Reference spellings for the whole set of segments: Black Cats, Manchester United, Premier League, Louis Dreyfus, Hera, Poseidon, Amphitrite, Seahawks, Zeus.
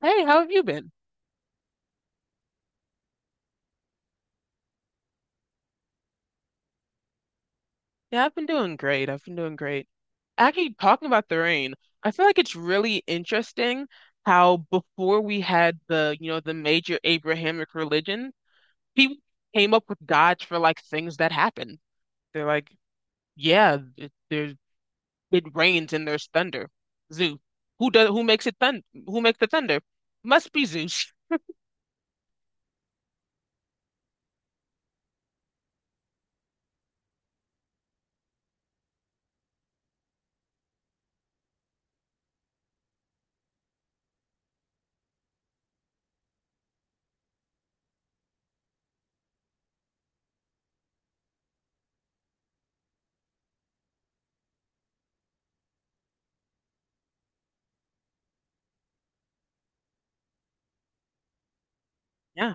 Hey, how have you been? Yeah, I've been doing great. Actually, talking about the rain, I feel like it's really interesting how before we had the the major Abrahamic religion, people came up with gods for like things that happen. They're like, yeah, it, there's it rains and there's thunder. Zeus. Who makes it thund who makes the thunder? Must be Zeus. Yeah.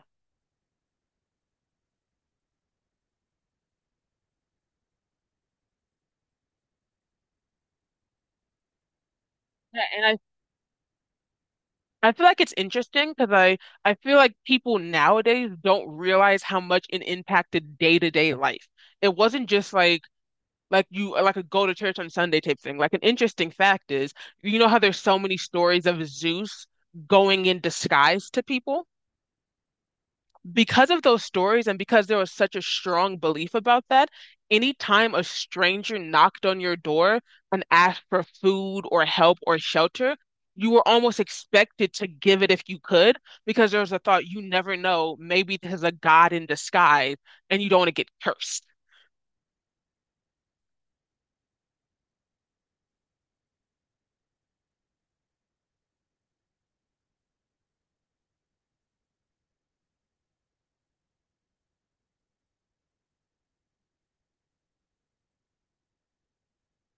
Yeah, and I feel like it's interesting I feel like people nowadays don't realize how much it impacted day-to-day life. It wasn't just like you like a go to church on Sunday type thing. Like an interesting fact is, you know how there's so many stories of Zeus going in disguise to people? Because of those stories and because there was such a strong belief about that, anytime a stranger knocked on your door and asked for food or help or shelter, you were almost expected to give it if you could, because there was a thought, you never know, maybe there's a god in disguise and you don't want to get cursed.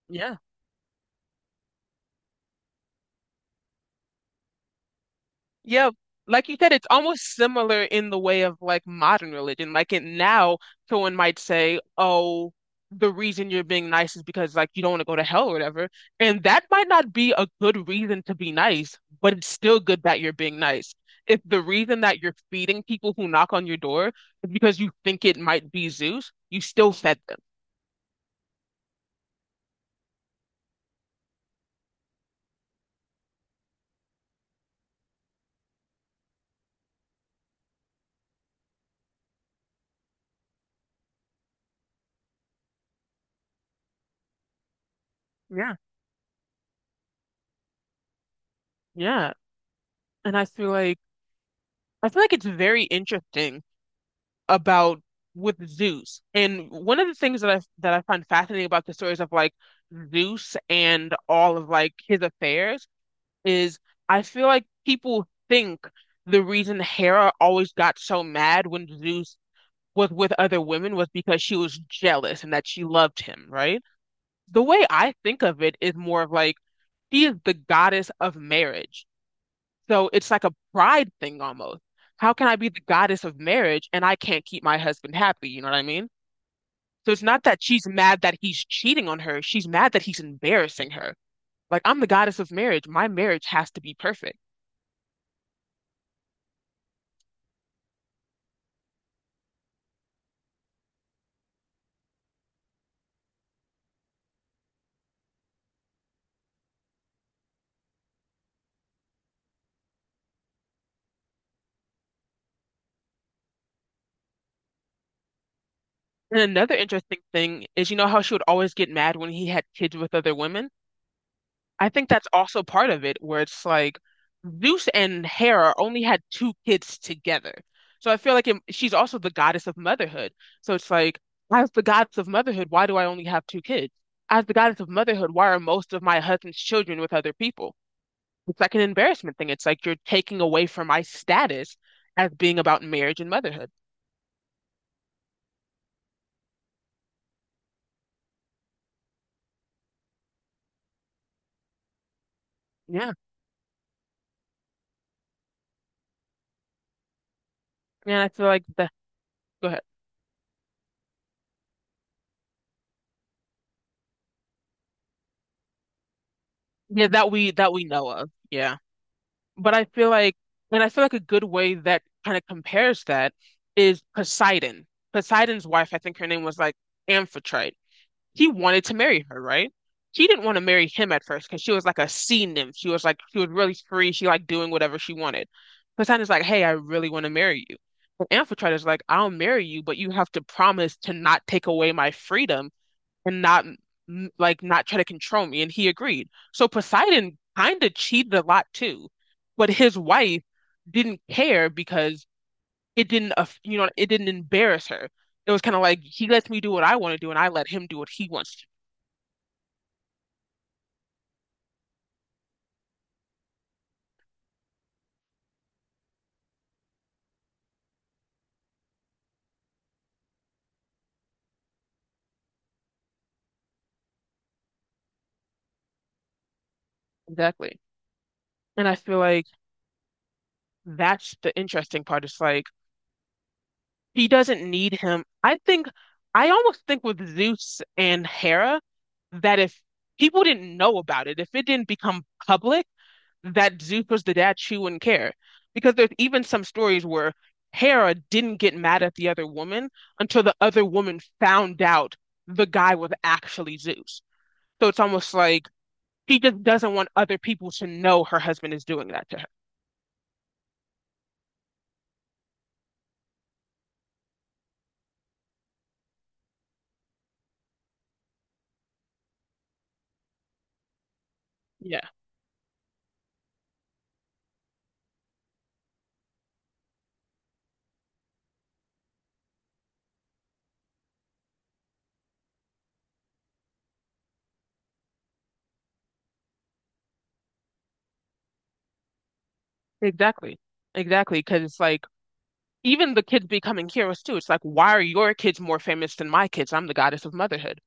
Yeah. Yeah, like you said, it's almost similar in the way of like modern religion. Like it now, someone might say, "Oh, the reason you're being nice is because like you don't want to go to hell or whatever," and that might not be a good reason to be nice, but it's still good that you're being nice. If the reason that you're feeding people who knock on your door is because you think it might be Zeus, you still fed them. Yeah. Yeah, and I feel like it's very interesting about with Zeus. And one of the things that I find fascinating about the stories of like Zeus and all of like his affairs is, I feel like people think the reason Hera always got so mad when Zeus was with other women was because she was jealous and that she loved him, right? The way I think of it is more of like, she is the goddess of marriage. So it's like a pride thing almost. How can I be the goddess of marriage and I can't keep my husband happy? You know what I mean? So it's not that she's mad that he's cheating on her. She's mad that he's embarrassing her. Like, I'm the goddess of marriage. My marriage has to be perfect. And another interesting thing is, you know how she would always get mad when he had kids with other women? I think that's also part of it, where it's like Zeus and Hera only had two kids together. So I feel like she's also the goddess of motherhood. So it's like, as the goddess of motherhood, why do I only have two kids? As the goddess of motherhood, why are most of my husband's children with other people? It's like an embarrassment thing. It's like you're taking away from my status as being about marriage and motherhood. Yeah. Yeah, I feel like the Go ahead. Yeah, that we know of. Yeah. But I feel like, and I feel like a good way that kind of compares that is Poseidon. Poseidon's wife, I think her name was like Amphitrite. He wanted to marry her, right? She didn't want to marry him at first because she was like a sea nymph. She was like, she was really free. She liked doing whatever she wanted. Poseidon's like, hey, I really want to marry you. But Amphitrite is like, I'll marry you, but you have to promise to not take away my freedom and not like not try to control me. And he agreed. So Poseidon kind of cheated a lot too, but his wife didn't care because it didn't, aff- you know, it didn't embarrass her. It was kind of like he lets me do what I want to do, and I let him do what he wants to. Exactly. And I feel like that's the interesting part. It's like he doesn't need him. I almost think with Zeus and Hera that if people didn't know about it, if it didn't become public that Zuko's the dad, she wouldn't care. Because there's even some stories where Hera didn't get mad at the other woman until the other woman found out the guy was actually Zeus. So it's almost like she just doesn't want other people to know her husband is doing that to her. Yeah, exactly. Exactly. Because it's like, even the kids becoming heroes too. It's like, why are your kids more famous than my kids? I'm the goddess of motherhood.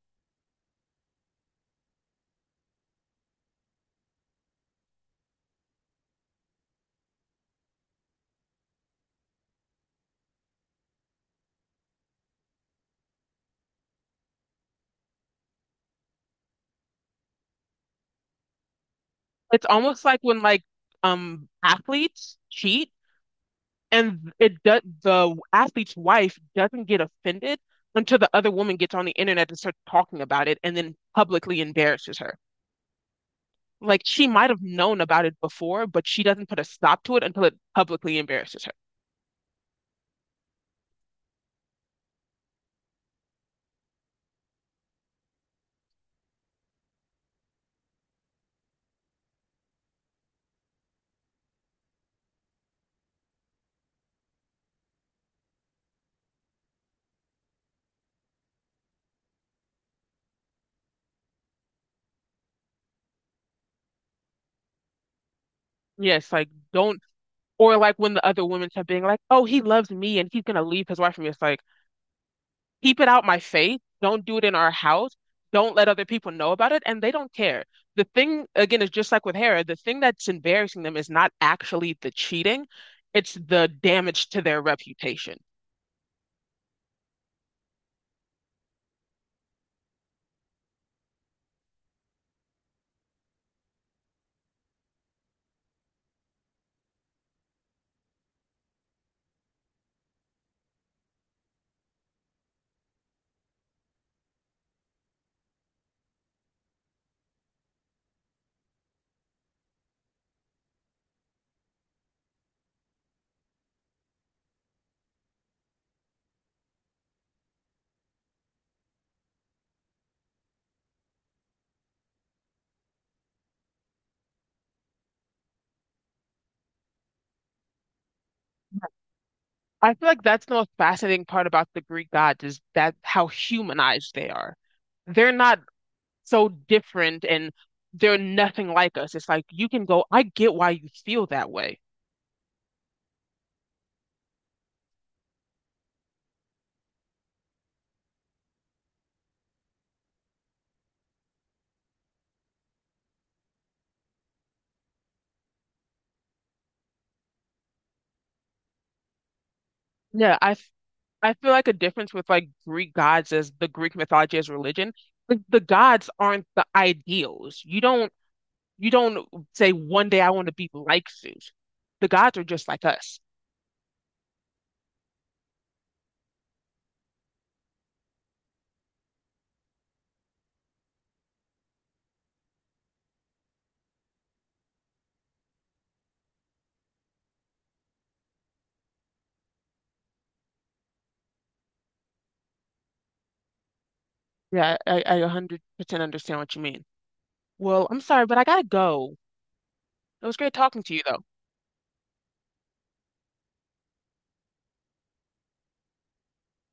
It's almost like when like athletes cheat and it does the athlete's wife doesn't get offended until the other woman gets on the internet and starts talking about it and then publicly embarrasses her. Like she might have known about it before, but she doesn't put a stop to it until it publicly embarrasses her. Yes, like don't, or like when the other women start being like, "Oh, he loves me and he's gonna leave his wife for me." It's like, keep it out my face. Don't do it in our house. Don't let other people know about it. And they don't care. The thing, again, is just like with Hera, the thing that's embarrassing them is not actually the cheating, it's the damage to their reputation. I feel like that's the most fascinating part about the Greek gods is that how humanized they are. They're not so different and they're nothing like us. It's like you can go, I get why you feel that way. Yeah, I feel like a difference with like Greek gods is the Greek mythology as religion. Like the gods aren't the ideals. You don't say one day I want to be like Zeus. The gods are just like us. I 100% understand what you mean. Well, I'm sorry, but I gotta go. It was great talking to you though.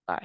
Bye.